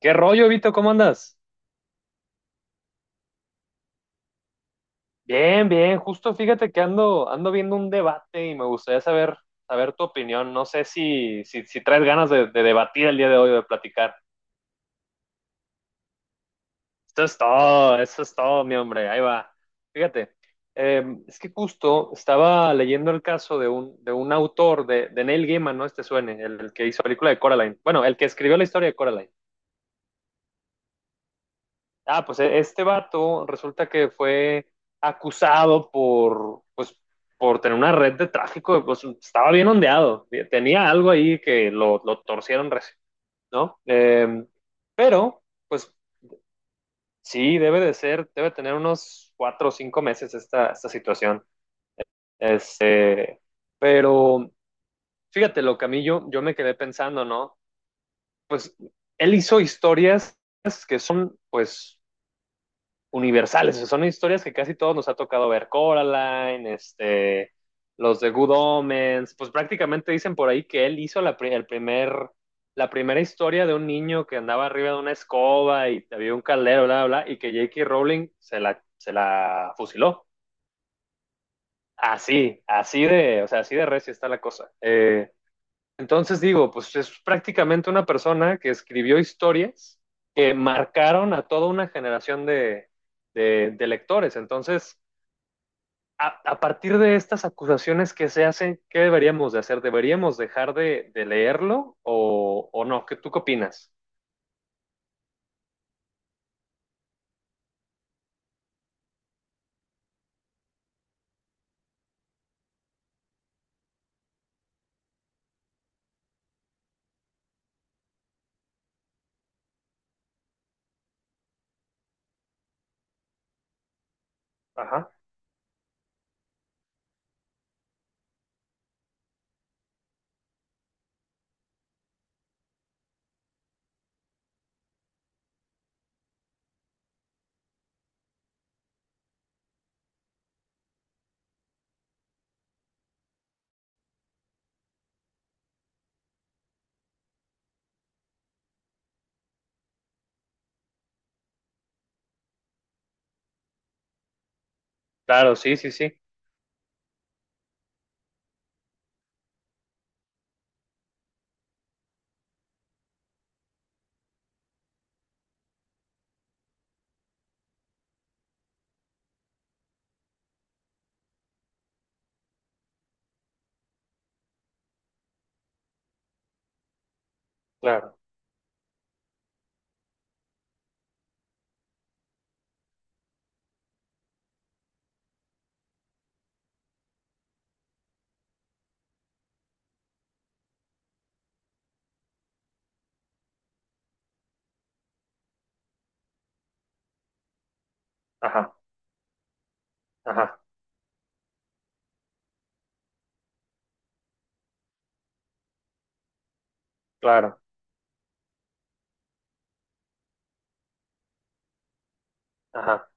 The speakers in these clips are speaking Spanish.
¿Qué rollo, Vito? ¿Cómo andas? Bien, bien. Justo fíjate que ando viendo un debate y me gustaría saber tu opinión. No sé si traes ganas de debatir el día de hoy o de platicar. Esto es todo, eso es todo, mi hombre. Ahí va. Fíjate, eh, es que justo estaba leyendo el caso de un autor de Neil Gaiman, ¿no? El que hizo la película de Coraline. Bueno, el que escribió la historia de Coraline. Ah, pues este vato resulta que fue acusado por, pues, por tener una red de tráfico. Pues estaba bien ondeado. Tenía algo ahí que lo torcieron recién, ¿no? Pero, pues sí, debe de ser, debe tener unos cuatro o cinco meses esta situación. Este, pero fíjate lo que a mí yo me quedé pensando, ¿no? Pues él hizo historias que son, pues, universales. O sea, son historias que casi todos nos ha tocado ver. Coraline, los de Good Omens. Pues prácticamente dicen por ahí que él hizo la primera historia de un niño que andaba arriba de una escoba y había un caldero, bla, bla, bla, y que J.K. Rowling se la fusiló. Así, así de, o sea, así de recia está la cosa. Entonces digo, pues es prácticamente una persona que escribió historias que marcaron a toda una generación de lectores. Entonces, a partir de estas acusaciones que se hacen, ¿qué deberíamos de hacer? ¿Deberíamos dejar de leerlo o no? ¿ tú qué opinas? Ajá. Claro, sí, sí, sí. Claro. Ajá, ajá, claro. Ajá.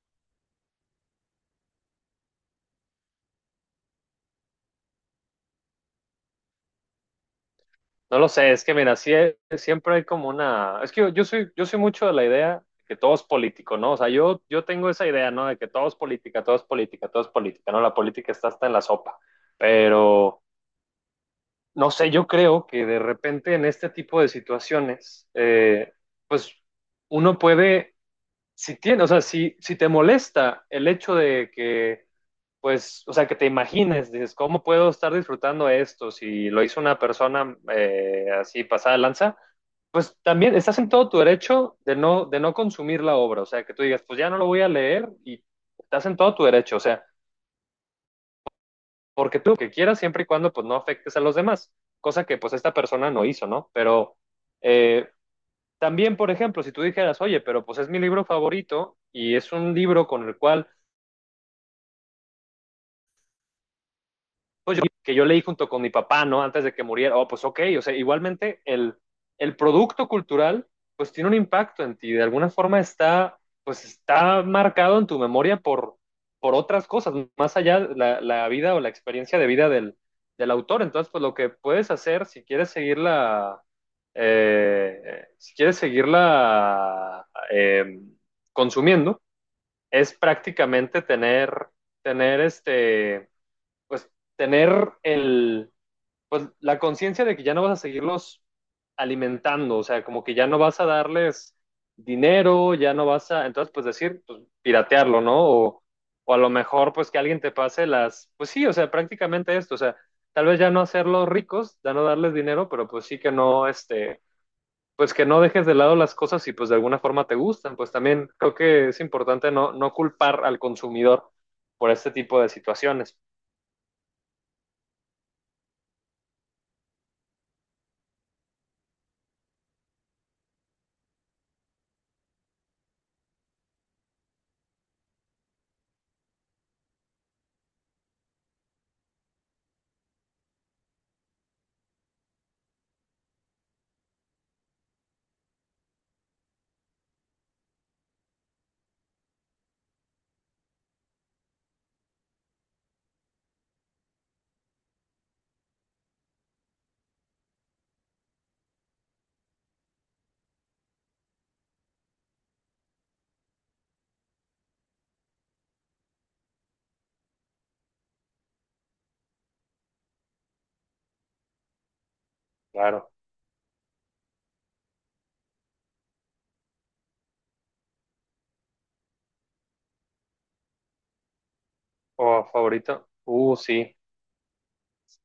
No lo sé, es que mira, sí, siempre hay como una. Es que yo soy mucho de la idea que todo es político, ¿no? O sea, yo tengo esa idea, ¿no? De que todo es política, todo es política, todo es política, ¿no? La política está hasta en la sopa. Pero, no sé, yo creo que de repente en este tipo de situaciones, pues uno puede, o sea, si te molesta el hecho de que, pues, o sea, que te imagines, dices, ¿cómo puedo estar disfrutando esto si lo hizo una persona así pasada de lanza? Pues también estás en todo tu derecho de no, consumir la obra, o sea, que tú digas, pues ya no lo voy a leer y estás en todo tu derecho. O sea, porque tú lo que quieras siempre y cuando pues no afectes a los demás, cosa que pues esta persona no hizo, ¿no? Pero eh, también, por ejemplo, si tú dijeras, oye, pero pues es mi libro favorito y es un libro con el cual pues que yo leí junto con mi papá, ¿no? Antes de que muriera, oh, pues ok, o sea, igualmente el producto cultural, pues tiene un impacto en ti, de alguna forma pues está marcado en tu memoria por otras cosas, más allá de la vida o la experiencia de vida del autor. Entonces, pues lo que puedes hacer, si quieres seguirla consumiendo, es prácticamente tener, tener este, pues tener el, pues, la conciencia de que ya no vas a seguirlos alimentando. O sea, como que ya no vas a darles dinero, ya no vas a, entonces pues decir, pues piratearlo, ¿no? O a lo mejor pues que alguien te pase las, pues sí, o sea, prácticamente esto, o sea, tal vez ya no hacerlos ricos, ya no darles dinero, pero pues sí que no, pues que no dejes de lado las cosas y pues de alguna forma te gustan. Pues también creo que es importante no culpar al consumidor por este tipo de situaciones, claro. Oh, favorito. Sí.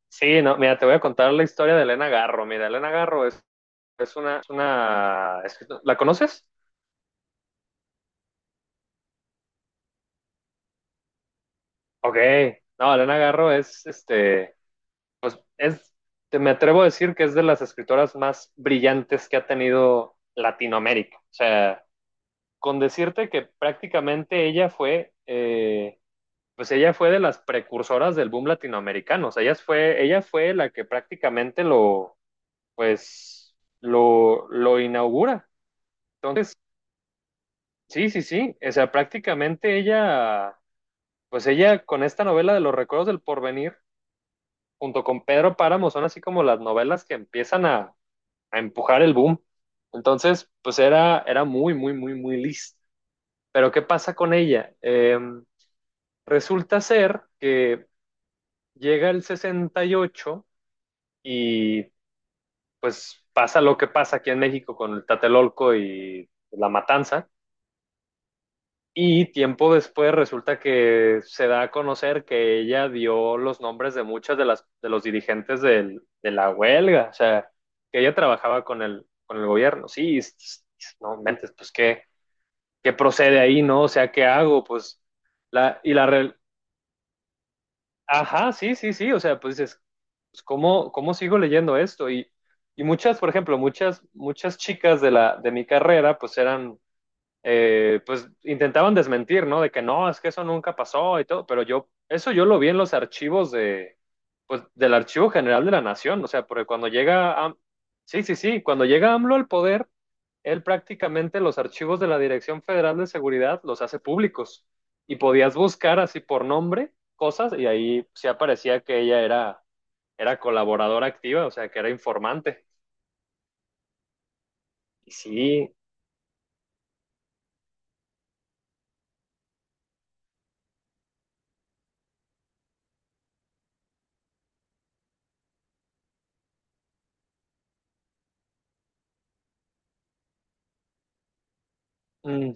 Sí, no, mira, te voy a contar la historia de Elena Garro. Mira, Elena Garro ¿la conoces? Ok. No, Elena Garro pues me atrevo a decir que es de las escritoras más brillantes que ha tenido Latinoamérica. O sea, con decirte que prácticamente pues ella fue de las precursoras del boom latinoamericano. O sea, ella fue la que prácticamente lo pues lo inaugura. Entonces, sí, sí, sí, o sea, prácticamente pues ella con esta novela de Los Recuerdos del Porvenir, junto con Pedro Páramo, son así como las novelas que empiezan a empujar el boom. Entonces, pues era muy, muy, muy, muy lista. Pero ¿qué pasa con ella? Resulta ser que llega el sesenta y ocho y pues pasa lo que pasa aquí en México con el Tatelolco y la matanza. Y tiempo después resulta que se da a conocer que ella dio los nombres de muchas de los dirigentes de la huelga. O sea, que ella trabajaba con el gobierno. Sí, no mentes, pues qué procede ahí, ¿no? O sea, ¿qué hago? Pues la y la re- ajá, sí, sí, sí, o sea, pues dices, pues, ¿cómo sigo leyendo esto? Y por ejemplo, muchas chicas de la de mi carrera pues eran pues intentaban desmentir, ¿no? De que no, es que eso nunca pasó y todo, pero eso yo lo vi en los archivos pues, del Archivo General de la Nación. O sea, porque sí, sí, sí, cuando llega AMLO al poder, él prácticamente los archivos de la Dirección Federal de Seguridad los hace públicos y podías buscar así por nombre cosas y ahí sí aparecía que ella era colaboradora activa, o sea, que era informante. Y sí. mm,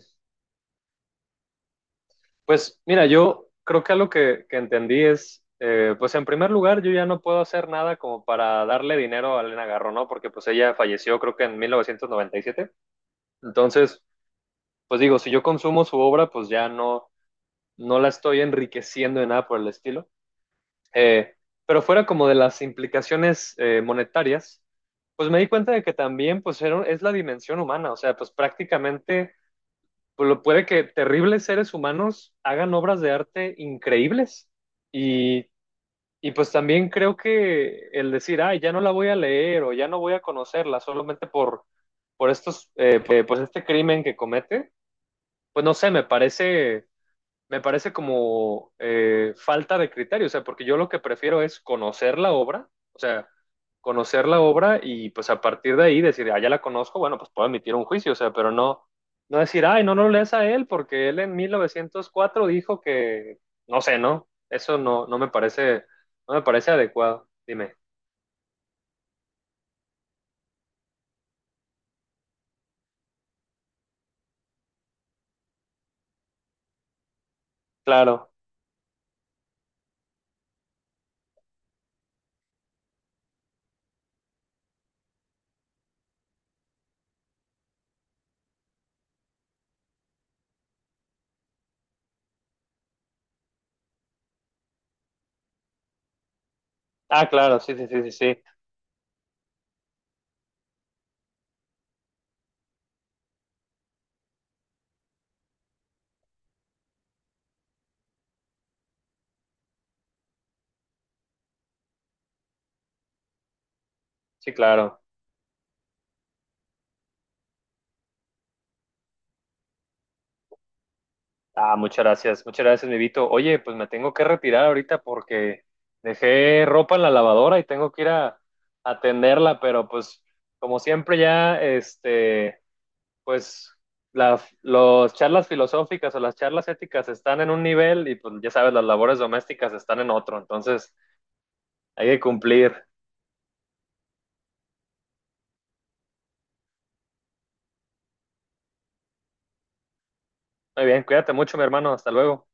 Pues mira, yo creo que algo que entendí es, pues en primer lugar, yo ya no puedo hacer nada como para darle dinero a Elena Garro, ¿no? Porque pues ella falleció creo que en 1997. Entonces, pues digo, si yo consumo su obra, pues ya no la estoy enriqueciendo de nada por el estilo. Eh, pero fuera como de las implicaciones monetarias, pues me di cuenta de que también pues es la dimensión humana, o sea, pues prácticamente pues lo puede que terribles seres humanos hagan obras de arte increíbles. Y y pues también creo que el decir, ay, ya no la voy a leer o ya no voy a conocerla solamente por pues este crimen que comete, pues no sé, me parece como falta de criterio. O sea, porque yo lo que prefiero es conocer la obra, o sea, conocer la obra y pues a partir de ahí decir, ah, ya la conozco, bueno, pues puedo emitir un juicio. O sea, pero no decir, ay, no, no lo lees a él porque él en 1904 dijo que, no sé, ¿no? Eso no, no me parece adecuado, dime. Claro. Ah, claro, sí, sí, sí, sí, sí, sí, claro. Ah, muchas gracias, mi Vito. Oye, pues me tengo que retirar ahorita porque dejé ropa en la lavadora y tengo que ir a atenderla, pero pues como siempre ya, pues las los charlas filosóficas o las charlas éticas están en un nivel y pues ya sabes, las labores domésticas están en otro, entonces hay que cumplir. Muy bien, cuídate mucho, mi hermano, hasta luego.